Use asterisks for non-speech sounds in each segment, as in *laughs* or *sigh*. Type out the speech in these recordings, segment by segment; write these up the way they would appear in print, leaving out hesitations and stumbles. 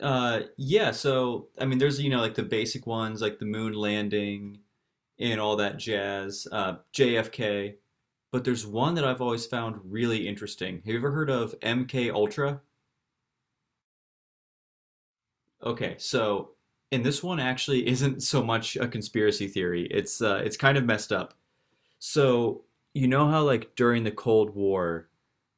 Yeah, I mean, there's like the basic ones like the moon landing and all that jazz, JFK. But there's one that I've always found really interesting. Have you ever heard of MK Ultra? Okay, so and this one actually *laughs* isn't so much a conspiracy theory. It's kind of messed up. So how like during the Cold War,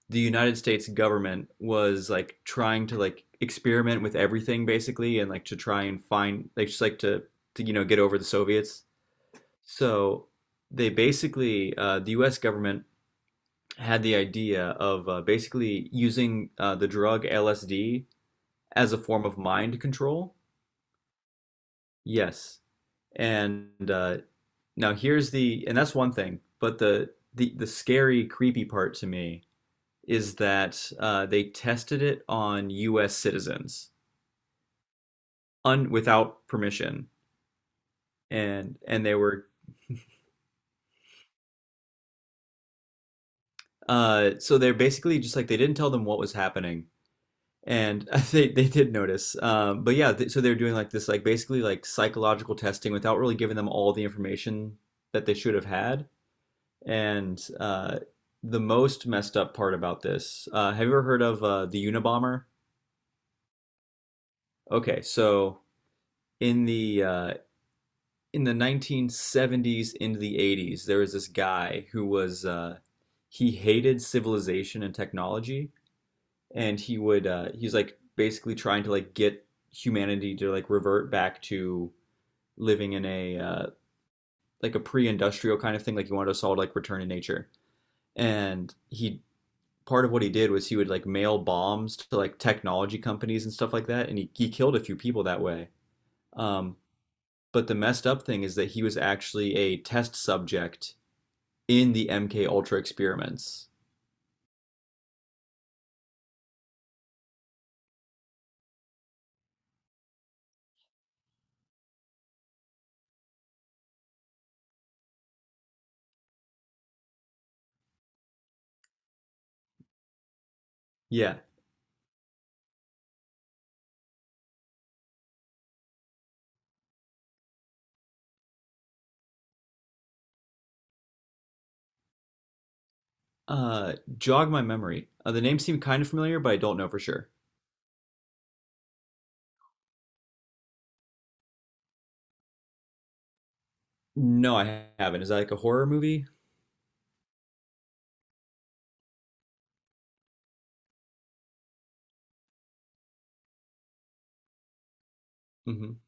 the United States government was like trying to like experiment with everything basically and like to try and find like just like to get over the Soviets. So they basically the U.S. government had the idea of basically using the drug LSD as a form of mind control. Yes, and now here's the and that's one thing, but the scary creepy part to me is that they tested it on U.S. citizens without permission, and they were so they're basically just like they didn't tell them what was happening, and *laughs* they did notice. But yeah, so they're doing like this like basically like psychological testing without really giving them all the information that they should have had, and the most messed up part about this. Have you ever heard of the Unabomber? Okay, so in the uh, in the 1970s into the 80s, there was this guy who was he hated civilization and technology, and he's like basically trying to like get humanity to like revert back to living in a like a pre-industrial kind of thing. Like he wanted us all to like return to nature, and he part of what he did was he would like mail bombs to like technology companies and stuff like that, and he killed a few people that way. Um, but the messed up thing is that he was actually a test subject in the MK Ultra experiments. Yeah. Jog my memory. The name seemed kind of familiar, but I don't know for sure. No, I haven't. Is that like a horror movie? Mm-hmm.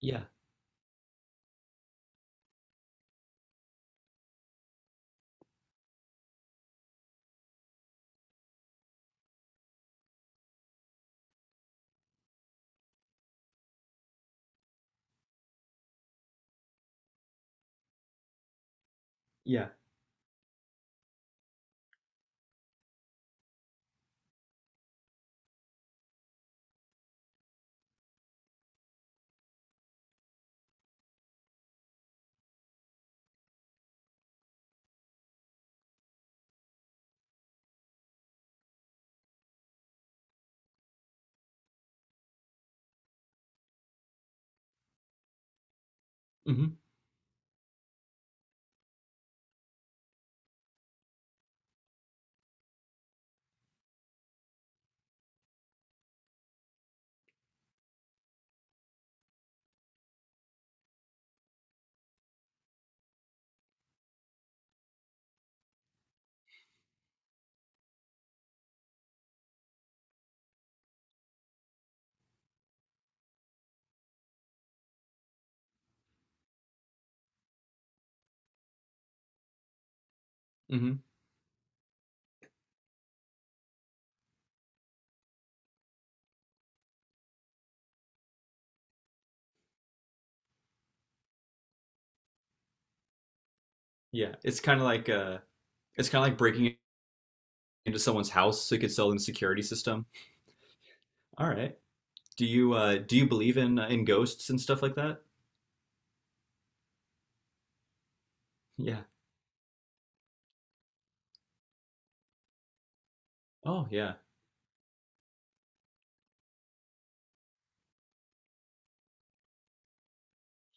Yeah. Yeah. Mm-hmm. Mm-hmm. Yeah. It's kind of like it's kind of like breaking into someone's house so you could sell them the security system. All right. Do you believe in ghosts and stuff like that? Yeah. Oh yeah,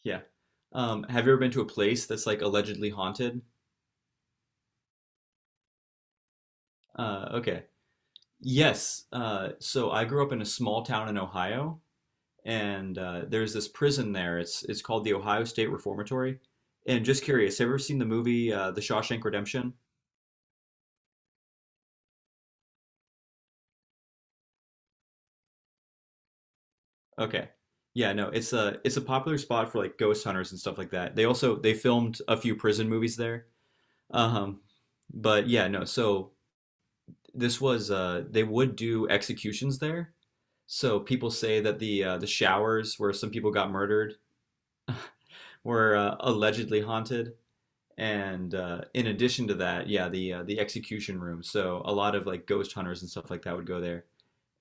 yeah. Have you ever been to a place that's like allegedly haunted? Okay. Yes. So I grew up in a small town in Ohio, and there's this prison there. It's called the Ohio State Reformatory. And just curious, have you ever seen the movie The Shawshank Redemption? Okay. Yeah, no, it's a popular spot for like ghost hunters and stuff like that. They also they filmed a few prison movies there. Um, but yeah, no, so this was they would do executions there. So people say that the showers where some people got murdered were allegedly haunted. And in addition to that, yeah, the execution room. So a lot of like ghost hunters and stuff like that would go there.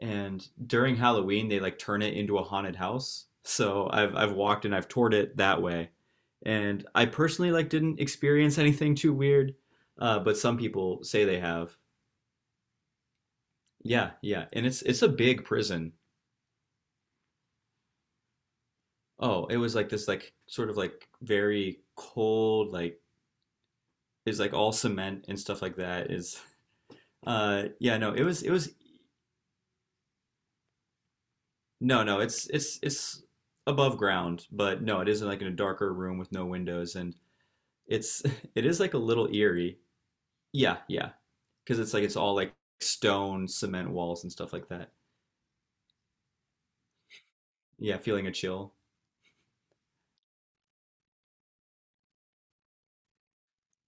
And during Halloween, they like turn it into a haunted house. So I've walked and I've toured it that way. And I personally like didn't experience anything too weird, but some people say they have. Yeah, yeah, and it's a big prison. Oh, it was like this, like sort of like very cold, like is like all cement and stuff like that. Is yeah, no, it was no, it's it's above ground, but no, it isn't like in a darker room with no windows, and it's *laughs* it is like a little eerie. Yeah, yeah, because it's like it's all like stone, cement walls and stuff like that. Yeah, feeling a chill.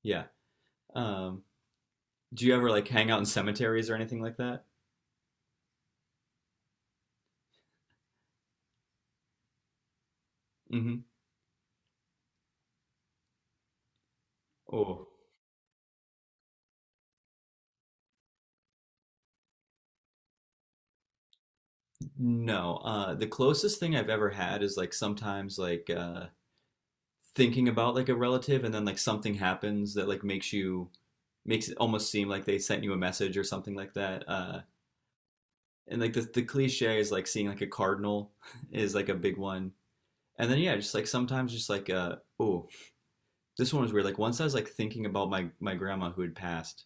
Yeah. Um, do you ever like hang out in cemeteries or anything like that? Mm-hmm. Oh. No, the closest thing I've ever had is like sometimes like thinking about like a relative and then like something happens that like makes you makes it almost seem like they sent you a message or something like that. And like the cliche is like seeing like a cardinal *laughs* is like a big one. And then yeah, just like sometimes just like uh oh, this one was weird. Like once I was like thinking about my grandma who had passed,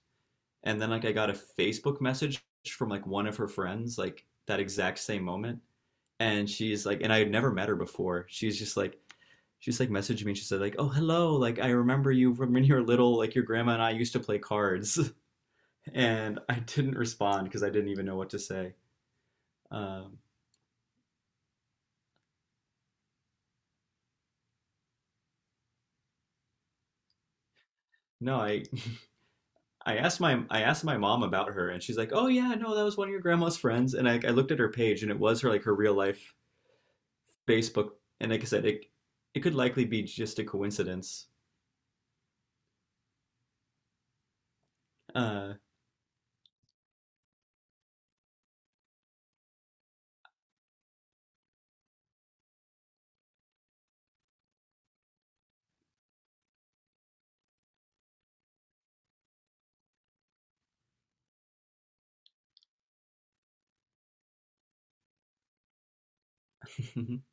and then like I got a Facebook message from like one of her friends like that exact same moment and she's like and I had never met her before she's just like she's like messaged me and she said like oh hello like I remember you from when you were little like your grandma and I used to play cards *laughs* and I didn't respond because I didn't even know what to say um no I asked my I asked my mom about her and she's like oh yeah no that was one of your grandma's friends and I looked at her page and it was her like her real life Facebook and like I said it it could likely be just a coincidence uh *laughs*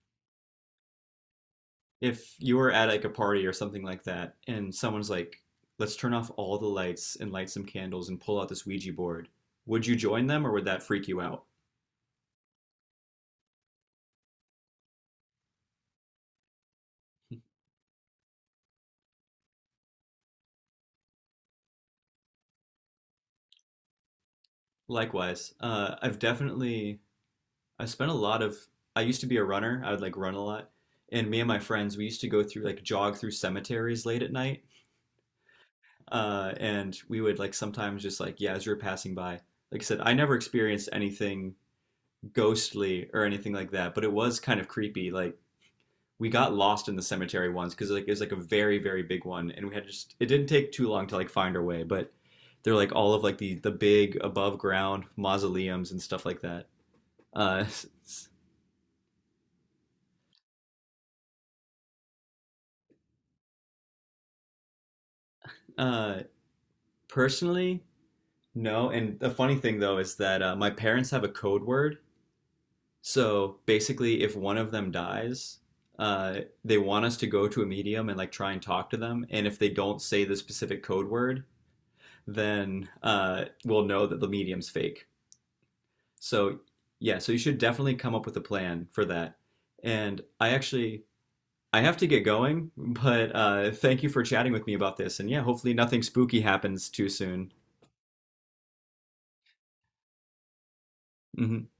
if you were at like a party or something like that, and someone's like, "Let's turn off all the lights and light some candles and pull out this Ouija board," would you join them or would that freak you out? Likewise, I've definitely I spent a lot of. I used to be a runner. I would like run a lot, and me and my friends we used to go through like jog through cemeteries late at night, and we would like sometimes just like yeah, as you're passing by. Like I said, I never experienced anything ghostly or anything like that, but it was kind of creepy. Like we got lost in the cemetery once because like it was like a very big one, and we had just it didn't take too long to like find our way, but they're like all of like the big above ground mausoleums and stuff like that. Uh, uh, personally, no. And the funny thing though is that my parents have a code word. So basically, if one of them dies, they want us to go to a medium and like try and talk to them. And if they don't say the specific code word, then we'll know that the medium's fake. So yeah, so you should definitely come up with a plan for that. And I have to get going, but thank you for chatting with me about this. And yeah, hopefully nothing spooky happens too soon. hmm